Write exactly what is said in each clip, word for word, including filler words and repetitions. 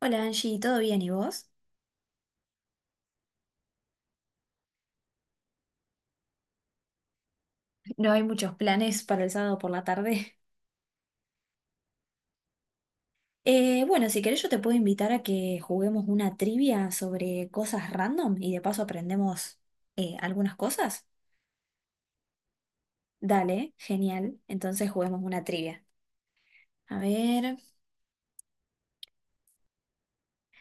Hola Angie, ¿todo bien y vos? No hay muchos planes para el sábado por la tarde. Eh, bueno, si querés yo te puedo invitar a que juguemos una trivia sobre cosas random y de paso aprendemos eh, algunas cosas. Dale, genial. Entonces juguemos una trivia. A ver.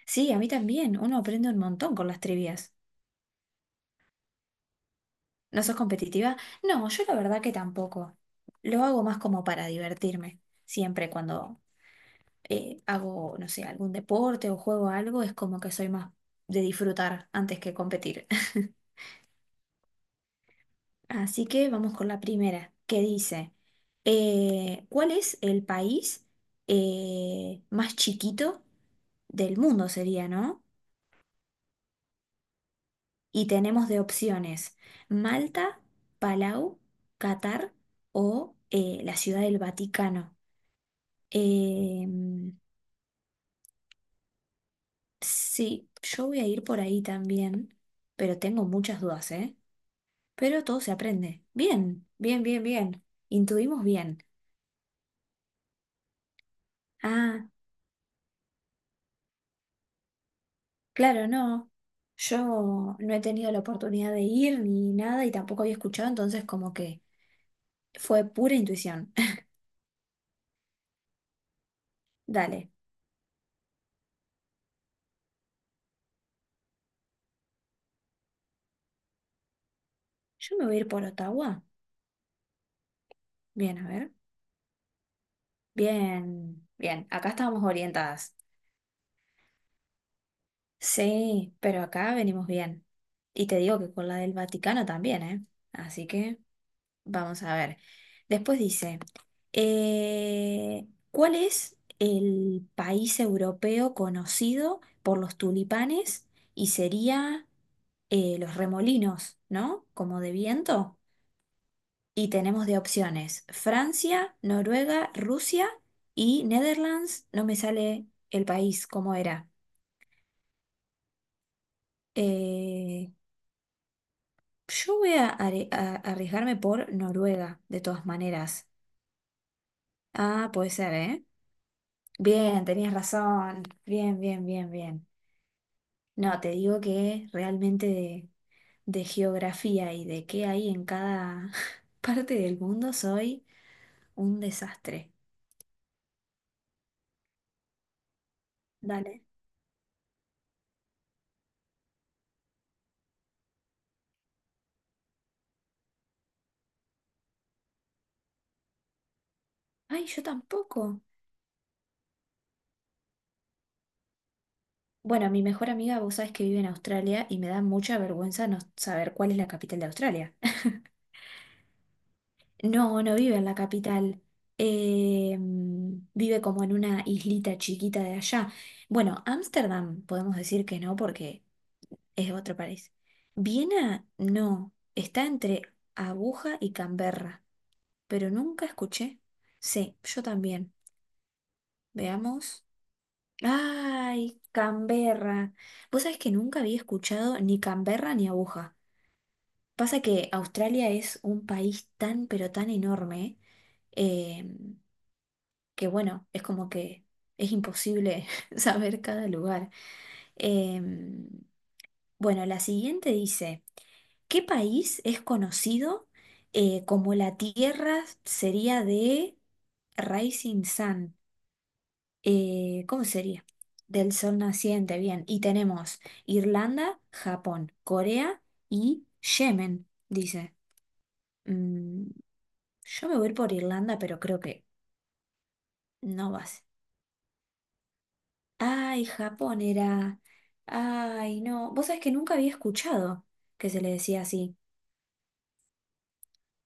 Sí, a mí también. Uno aprende un montón con las trivias. ¿No sos competitiva? No, yo la verdad que tampoco. Lo hago más como para divertirme. Siempre cuando eh, hago, no sé, algún deporte o juego algo, es como que soy más de disfrutar antes que competir. Así que vamos con la primera, que dice, eh, ¿cuál es el país eh, más chiquito del mundo sería, ¿no? Y tenemos de opciones Malta, Palau, Qatar o eh, la Ciudad del Vaticano. Em, sí, yo voy a ir por ahí también, pero tengo muchas dudas, ¿eh? Pero todo se aprende. Bien, bien, bien, bien. Intuimos bien. Ah, claro, no. Yo no he tenido la oportunidad de ir ni nada y tampoco había escuchado, entonces como que fue pura intuición. Dale, yo me voy a ir por Ottawa. Bien, a ver. Bien, bien. Acá estábamos orientadas. Sí, pero acá venimos bien. Y te digo que con la del Vaticano también, ¿eh? Así que... Vamos a ver. Después dice, eh, ¿cuál es el país europeo conocido por los tulipanes? Y sería eh, los remolinos, ¿no? Como de viento. Y tenemos de opciones Francia, Noruega, Rusia y Netherlands. No me sale el país, ¿cómo era? Eh, yo voy a, are- a- arriesgarme por Noruega, de todas maneras. Ah, puede ser, ¿eh? Bien, tenías razón. Bien, bien, bien, bien. No, te digo que realmente de, de geografía y de qué hay en cada parte del mundo soy un desastre. Dale. Ay, yo tampoco. Bueno, mi mejor amiga, vos sabés que vive en Australia y me da mucha vergüenza no saber cuál es la capital de Australia. No, no vive en la capital. Eh, mm, vive como en una islita chiquita de allá. Bueno, Ámsterdam podemos decir que no porque Es otro país. Viena, no. Está entre Aguja y Canberra, pero nunca escuché. Sí, yo también. Veamos. ¡Ay, Canberra! Vos sabés que nunca había escuchado ni Canberra ni Aguja. Pasa que Australia es un país tan, pero tan enorme, eh, que bueno, es como que es imposible saber cada lugar. Em, bueno, la siguiente dice. ¿Qué país es conocido eh, como la tierra sería de Rising Sun? Eh, ¿cómo sería? Del sol naciente, bien. Y tenemos Irlanda, Japón, Corea y Yemen, dice. Mm, yo me voy a ir por Irlanda, pero creo que no vas. Ay, Japón era. Ay, no. Vos sabés que nunca había escuchado que se le decía así.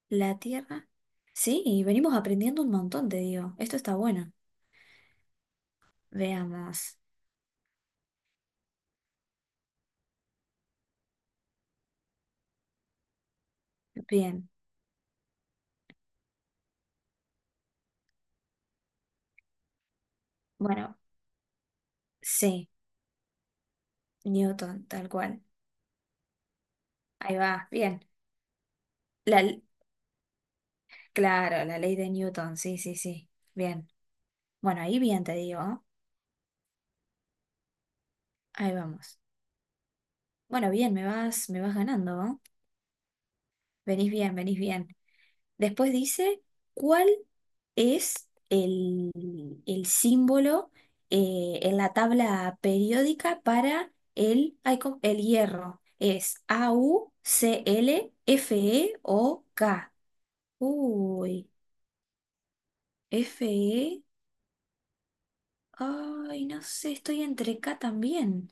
La Tierra. Sí, y venimos aprendiendo un montón, te digo. Esto está bueno. Veamos. Bien. Bueno, sí, Newton, tal cual. Ahí va, bien. La, l- claro, la ley de Newton, sí, sí, sí. Bien. Bueno, ahí bien, te digo. ¿Eh? Ahí vamos. Bueno, bien, me vas, me vas ganando, ¿eh? Venís bien, venís bien. Después dice, ¿cuál? Es el, el símbolo eh, en la tabla periódica para el, ay, ¿cómo? El hierro. Es A-U-C-L-F-E-O-K. Uy, F-E. Ay, no sé, estoy entre K también.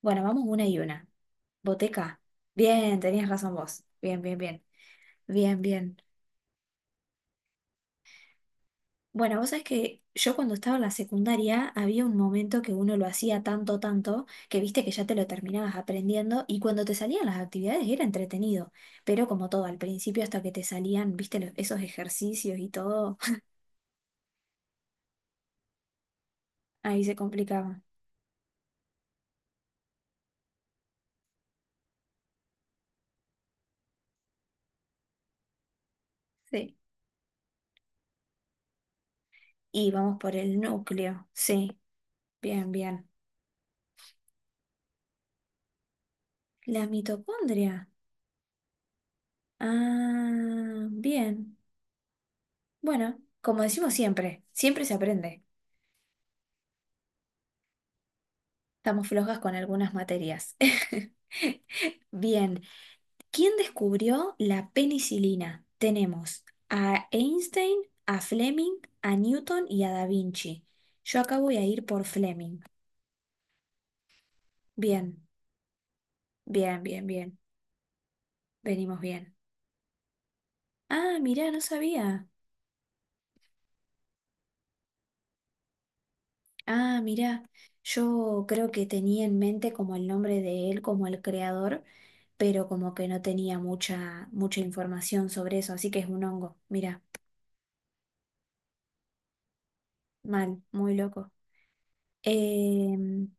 Bueno, vamos una y una. Boteca. Bien, tenías razón vos. Bien, bien, bien. Bien, bien. Bueno, vos sabés que yo cuando estaba en la secundaria había un momento que uno lo hacía tanto, tanto, que viste que ya te lo terminabas aprendiendo y cuando te salían las actividades era entretenido, pero como todo, al principio hasta que te salían, viste, los- esos ejercicios y todo, ahí se complicaba. Sí. Y vamos por el núcleo, sí, bien, bien. La mitocondria. Ah, bien. Bueno, como decimos siempre, siempre se aprende. Estamos flojas con algunas materias. Bien, ¿quién descubrió la penicilina? Tenemos a Einstein, a Fleming, a Newton y a Da Vinci. Yo acá voy a ir por Fleming. Bien, bien, bien, bien. Venimos bien. Ah, mirá, no sabía. Ah, mirá. Yo creo que tenía en mente como el nombre de él, como el creador, pero como que no tenía mucha, mucha información sobre eso, así que es un hongo. Mirá, mal, muy loco. Em,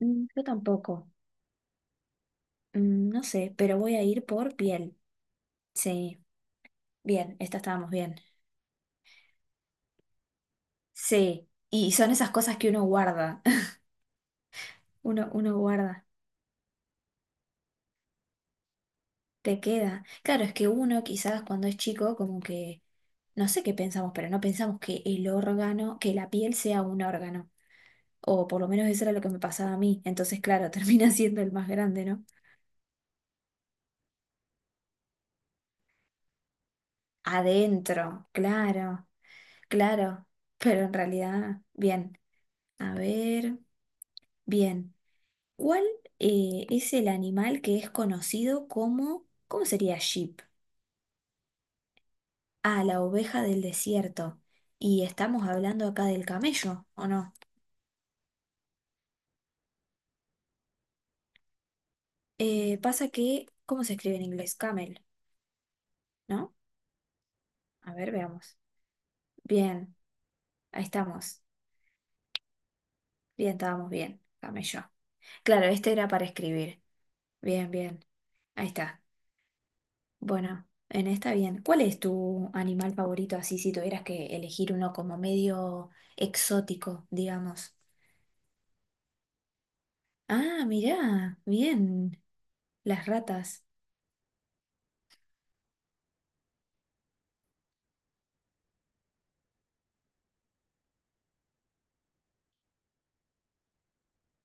mm, yo tampoco. Mm, No sé, pero voy a ir por piel. Sí, bien, esta estábamos bien. Sí, y son esas cosas que uno guarda. Uno, uno guarda, te queda. Claro, es que uno quizás cuando es chico, como que, no sé qué pensamos, pero no pensamos que el órgano, que la piel sea un órgano. O por lo menos eso era lo que me pasaba a mí. Entonces, claro, termina siendo el más grande, ¿no? Adentro, claro, claro. Pero en realidad, bien. A ver, bien. ¿Cuál eh, es el animal que es conocido como, ¿cómo sería sheep? Ah, la oveja del desierto. Y estamos hablando acá del camello, ¿o no? Eh, pasa que, ¿cómo se escribe en inglés? Camel, ¿no? A ver, veamos. Bien, ahí estamos. Bien, estábamos bien. Camello. Claro, este era para escribir. Bien, bien. Ahí está. Bueno, en esta bien. ¿Cuál es tu animal favorito así si tuvieras que elegir uno como medio exótico, digamos? Ah, mirá, bien, las ratas.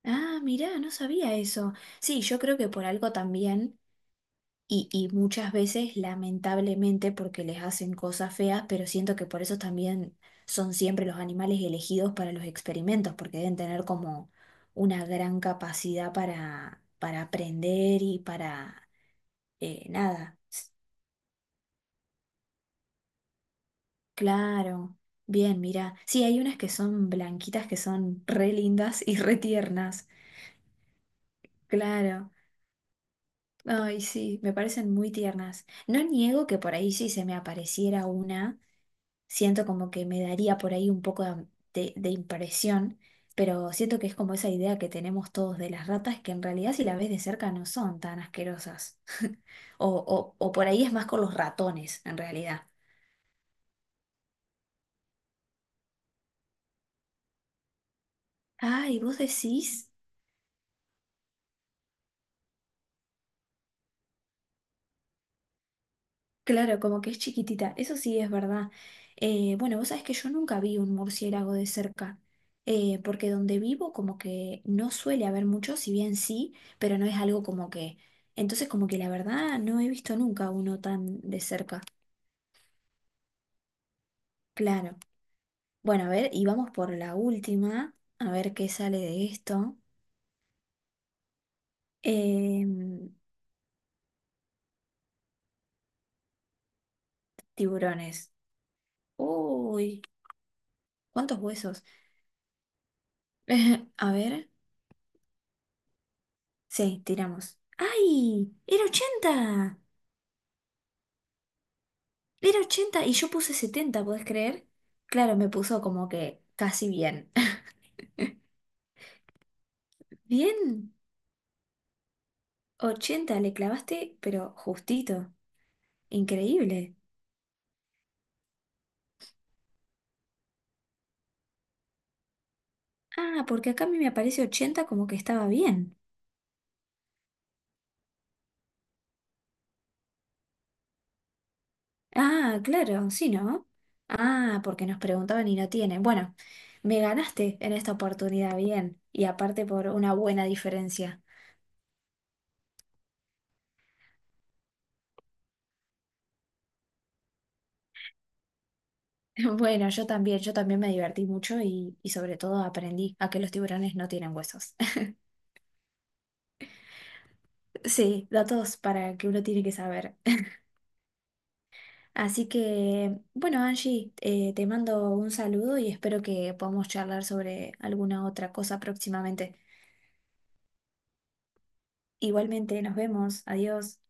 Ah, mirá, no sabía eso. Sí, yo creo que por algo también, y, y muchas veces lamentablemente porque les hacen cosas feas, pero siento que por eso también son siempre los animales elegidos para los experimentos, porque deben tener como una gran capacidad para, para aprender y para eh, nada. S- Claro, bien, mirá. Sí, hay unas que son blanquitas que son re lindas y re tiernas. Claro. Ay, sí, me parecen muy tiernas. No niego que por ahí si se me apareciera una, siento como que me daría por ahí un poco de, de- de impresión, pero siento que es como esa idea que tenemos todos de las ratas, que en realidad si la ves de cerca no son tan asquerosas. O, o, o por ahí es más con los ratones, en realidad. Ay, ¿vos decís? Claro, como que es chiquitita, eso sí es verdad. Eh, bueno, vos sabés que yo nunca vi un murciélago de cerca, eh, porque donde vivo como que no suele haber muchos, si bien sí, pero no es algo como que... Entonces como que la verdad no he visto nunca uno tan de cerca. Claro. Bueno, a ver, y vamos por la última, a ver qué sale de esto. Em, tiburones. Uy, ¿cuántos huesos? A ver, sí, tiramos. ¡Ay! ¡Era ochenta Era ochenta y yo puse setenta, ¿podés creer? Claro, me puso como que casi bien. Bien, ochenta le clavaste, pero justito. Increíble. Ah, porque acá a mí me aparece ochenta como que estaba bien. Ah, claro, sí, ¿no? Ah, porque nos preguntaban y no tienen. Bueno, me ganaste en esta oportunidad, bien. Y aparte por una buena diferencia. Bueno, yo también, yo también me divertí mucho y, y sobre todo aprendí a que los tiburones no tienen huesos. Sí, datos para que uno tiene que saber. Así que, bueno, Angie, eh, te mando un saludo y espero que podamos charlar sobre alguna otra cosa próximamente. Igualmente, nos vemos. Adiós.